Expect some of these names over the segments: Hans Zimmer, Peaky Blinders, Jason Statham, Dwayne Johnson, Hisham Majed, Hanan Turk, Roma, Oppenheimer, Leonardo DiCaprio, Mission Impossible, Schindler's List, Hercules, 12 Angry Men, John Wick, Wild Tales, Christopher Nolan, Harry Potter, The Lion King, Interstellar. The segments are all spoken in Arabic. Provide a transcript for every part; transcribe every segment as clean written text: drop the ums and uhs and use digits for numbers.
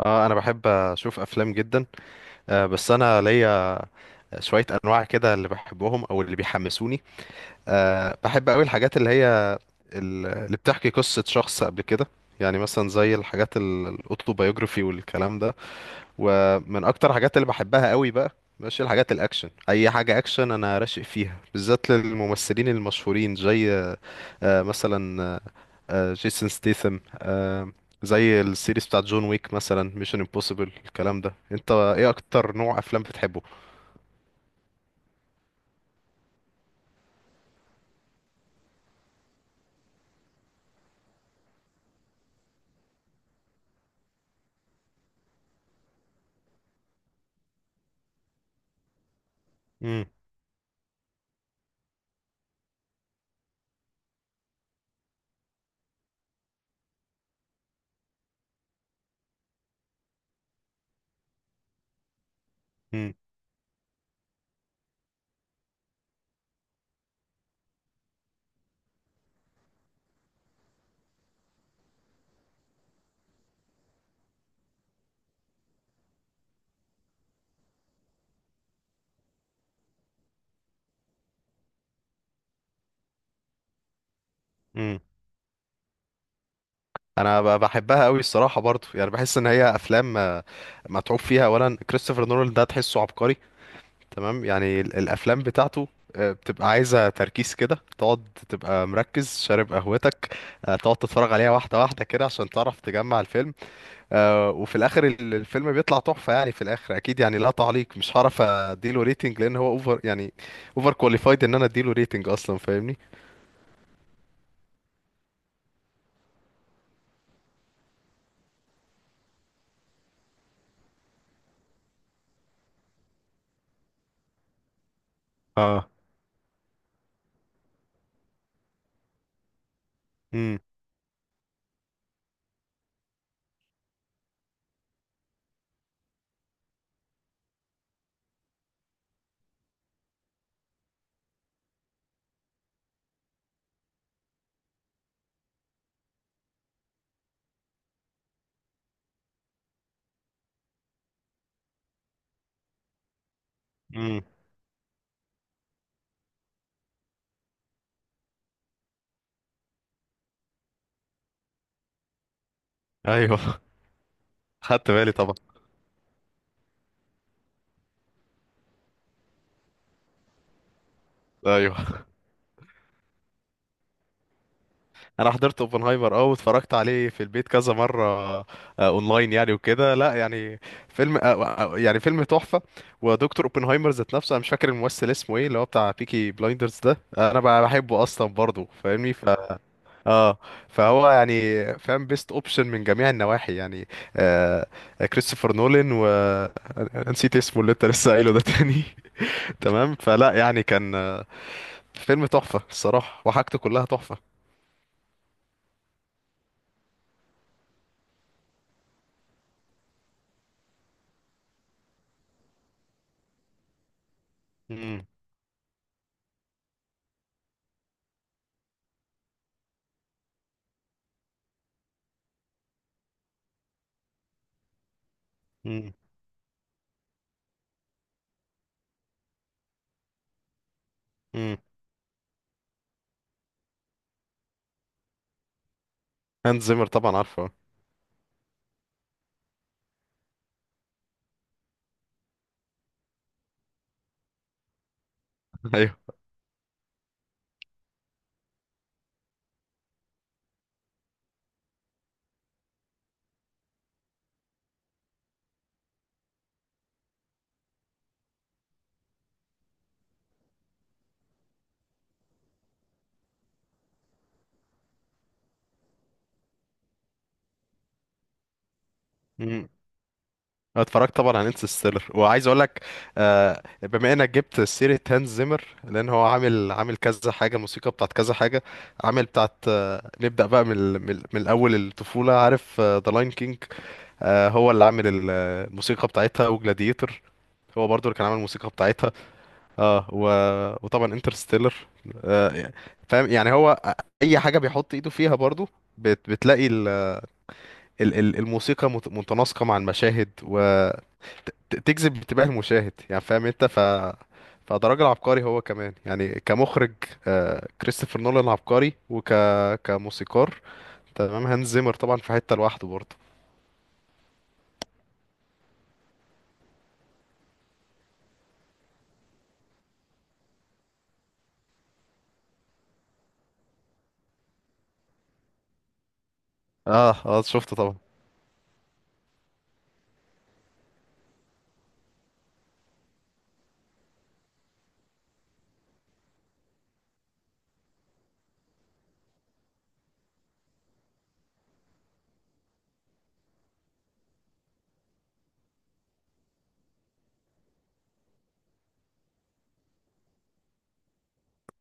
اه، انا بحب اشوف افلام جدا. بس انا ليا شويه انواع كده اللي بحبهم او اللي بيحمسوني. بحب قوي الحاجات اللي هي اللي بتحكي قصه شخص قبل كده، يعني مثلا زي الحاجات الاوتوبيوجرافي والكلام ده، ومن اكتر الحاجات اللي بحبها قوي بقى ماشي الحاجات الاكشن. اي حاجه اكشن انا راشق فيها، بالذات للممثلين المشهورين زي مثلا جيسون ستيثم، زي السيريز بتاعت جون ويك مثلا، ميشن امبوسيبل، الكلام ده. انت ايه اكتر نوع افلام بتحبه؟ مم. مم. مم. انا بحبها قوي الصراحه، برضو يعني بحس ان هي افلام متعوب فيها. اولا كريستوفر نولان ده تحسه عبقري، تمام. يعني الافلام بتاعته بتبقى عايزه تركيز كده، تقعد تبقى مركز، شارب قهوتك، تقعد تتفرج عليها واحده واحده كده عشان تعرف تجمع الفيلم. وفي الاخر الفيلم بيطلع تحفه يعني. في الاخر اكيد يعني لا تعليق، مش هعرف اديله ريتنج لان هو اوفر يعني، اوفر كواليفايد ان انا اديله ريتنج اصلا، فاهمني؟ اه. امم. امم. ايوه خدت بالي طبعا. ايوه، انا حضرت اوبنهايمر، اه، واتفرجت عليه في البيت كذا مره آه، اونلاين يعني وكده. لا يعني فيلم، يعني فيلم تحفه. ودكتور اوبنهايمر ذات نفسه، انا مش فاكر الممثل اسمه ايه، اللي هو بتاع بيكي بلايندرز ده، انا بقى بحبه اصلا برضه، فاهمني؟ اه. فهو يعني فاهم، بيست اوبشن من جميع النواحي يعني. آه كريستوفر نولان و نسيت اسمه اللي انت لسه قايله ده تاني تمام فلا، يعني كان فيلم تحفة الصراحة، وحاجته كلها تحفة. مم. مم. مم. هانز زيمر طبعا عارفه. ايوه، أنا اتفرجت طبعا على انترستيلر. وعايز اقول لك بما انك جبت سيره هانز زيمر، لان هو عامل كذا حاجه، موسيقى بتاعت كذا حاجه، عامل بتاعت، نبدا بقى من الاول الطفوله، عارف ذا لاين كينج، هو اللي عامل الموسيقى بتاعتها، وجلاديتور هو برضو اللي كان عامل الموسيقى بتاعتها، اه، وطبعا انترستيلر. آه فاهم يعني، هو اي حاجه بيحط ايده فيها برضو بتلاقي الموسيقى متناسقة مع المشاهد وتجذب انتباه المشاهد، يعني فاهم انت؟ فده راجل عبقري هو كمان يعني، كمخرج كريستوفر نولان عبقري، كموسيقار. تمام هانز زيمر طبعا في حتة لوحده برضه. اه. اه، شفته طبعا.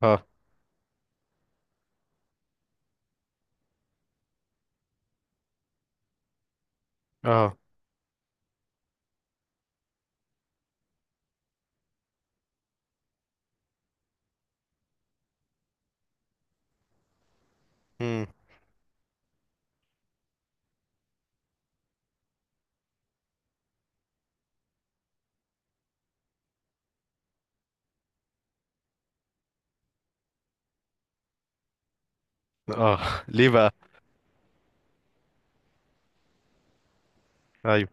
اه. اه. امم. اه. ليه بقى؟ ايوه.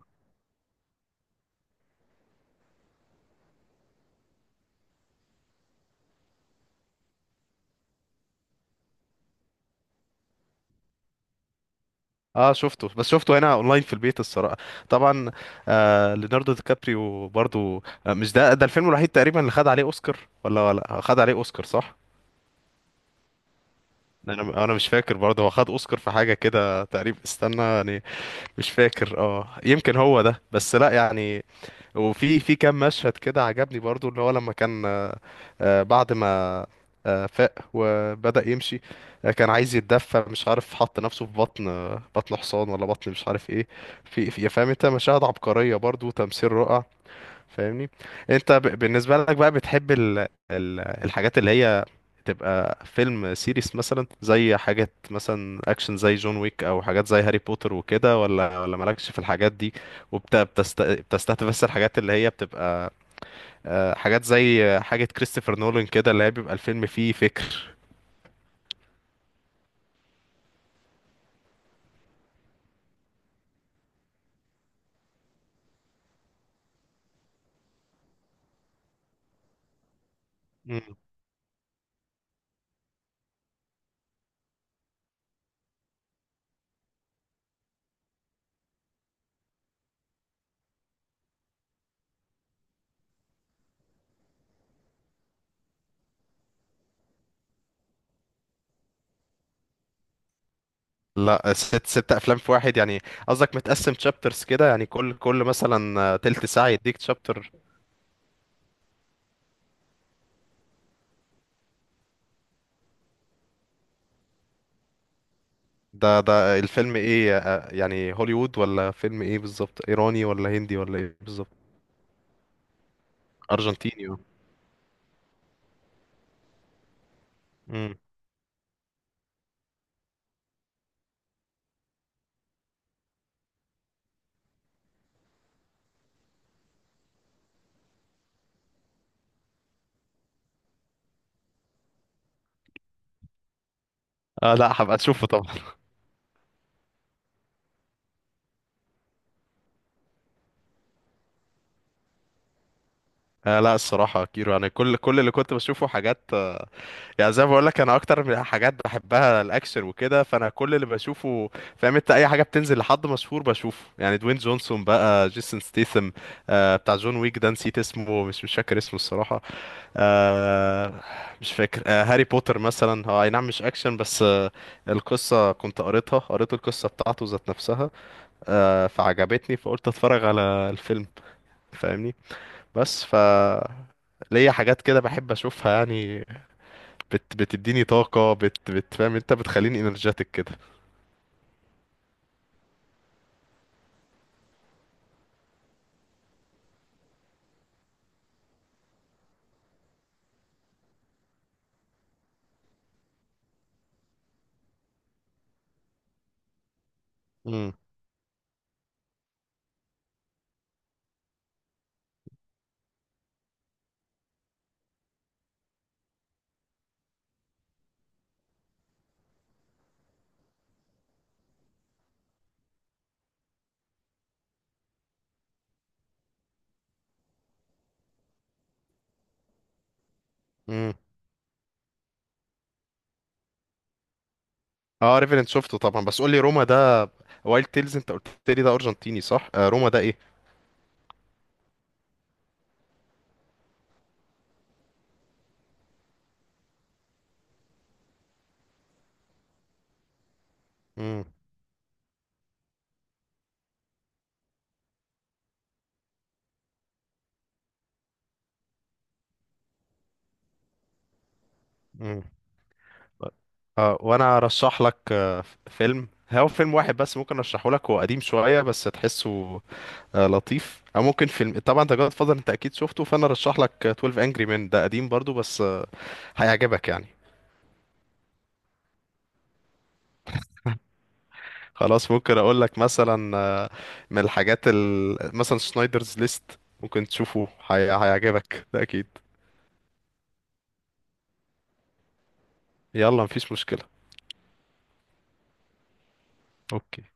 اه شفته، بس شفته هنا اونلاين في البيت الصراحه. طبعا، ليوناردو دي كابريو برضو، مش ده الفيلم الوحيد تقريبا اللي خد عليه اوسكار، ولا خد عليه اوسكار، صح؟ انا مش فاكر برضه، هو خد اوسكار في حاجه كده تقريبا، استنى يعني. مش فاكر، اه، يمكن هو ده. بس لا يعني، وفي كام مشهد كده عجبني برضه، اللي هو لما كان بعد ما فاق وبدأ يمشي، كان عايز يتدفى، مش عارف حط نفسه في بطن، بطن حصان ولا بطن مش عارف ايه. فاهم انت، مشاهد عبقريه برضه وتمثيل رائع، فاهمني؟ انت بالنسبه لك بقى بتحب الحاجات اللي هي تبقى فيلم سيريس مثلا زي حاجات مثلا اكشن زي جون ويك، او حاجات زي هاري بوتر وكده، ولا مالكش في الحاجات دي، وبت... بتست... بتستهدف بس الحاجات اللي هي بتبقى حاجات زي حاجه كريستوفر نولان كده، اللي هي بيبقى الفيلم فيه فكر؟ مم. لا، ست ست افلام في واحد يعني؟ قصدك متقسم تشابترز كده، يعني كل مثلا تلت ساعه يديك تشابتر؟ ده الفيلم ايه يعني، هوليوود ولا فيلم ايه بالظبط؟ ايراني ولا هندي ولا ايه بالظبط؟ ارجنتيني، اه. مم. لا هبقى اشوفه طبعا. لا الصراحه كيرو، يعني كل اللي كنت بشوفه حاجات، يعني زي ما بقول لك، انا اكتر من حاجات بحبها الاكشن وكده. فانا كل اللي بشوفه، فاهم انت، اي حاجه بتنزل لحد مشهور بشوفه، يعني دوين جونسون بقى، جيسون ستيثم، بتاع جون ويك ده نسيت اسمه، مش فاكر اسمه الصراحه. آه مش فاكر. هاري بوتر مثلا، هو اي نعم مش اكشن بس القصة كنت قريت القصة بتاعته ذات نفسها، فعجبتني فقلت اتفرج على الفيلم، فاهمني؟ بس ليا حاجات كده بحب اشوفها، يعني بتديني طاقة، بتفهم انت بتخليني، انرجيتك كده. امم. امم. اه، ريفرنت شفته طبعا. بس قول لي روما ده، وايلد تيلز انت قلت لي ده ارجنتيني، صح؟ روما ده ايه؟ امم. امم. اه، وانا ارشح لك فيلم، هو فيلم واحد بس ممكن ارشحه لك، هو قديم شويه بس تحسه لطيف. او ممكن فيلم، طبعا انت جاد فاذر انت اكيد شفته. فانا ارشح لك 12 انجري مان، ده قديم برضو بس هيعجبك يعني. خلاص، ممكن اقول لك مثلا من الحاجات مثلا سنايدرز ليست، ممكن تشوفه، هيعجبك ده اكيد. يلا، مفيش مشكله. اوكي.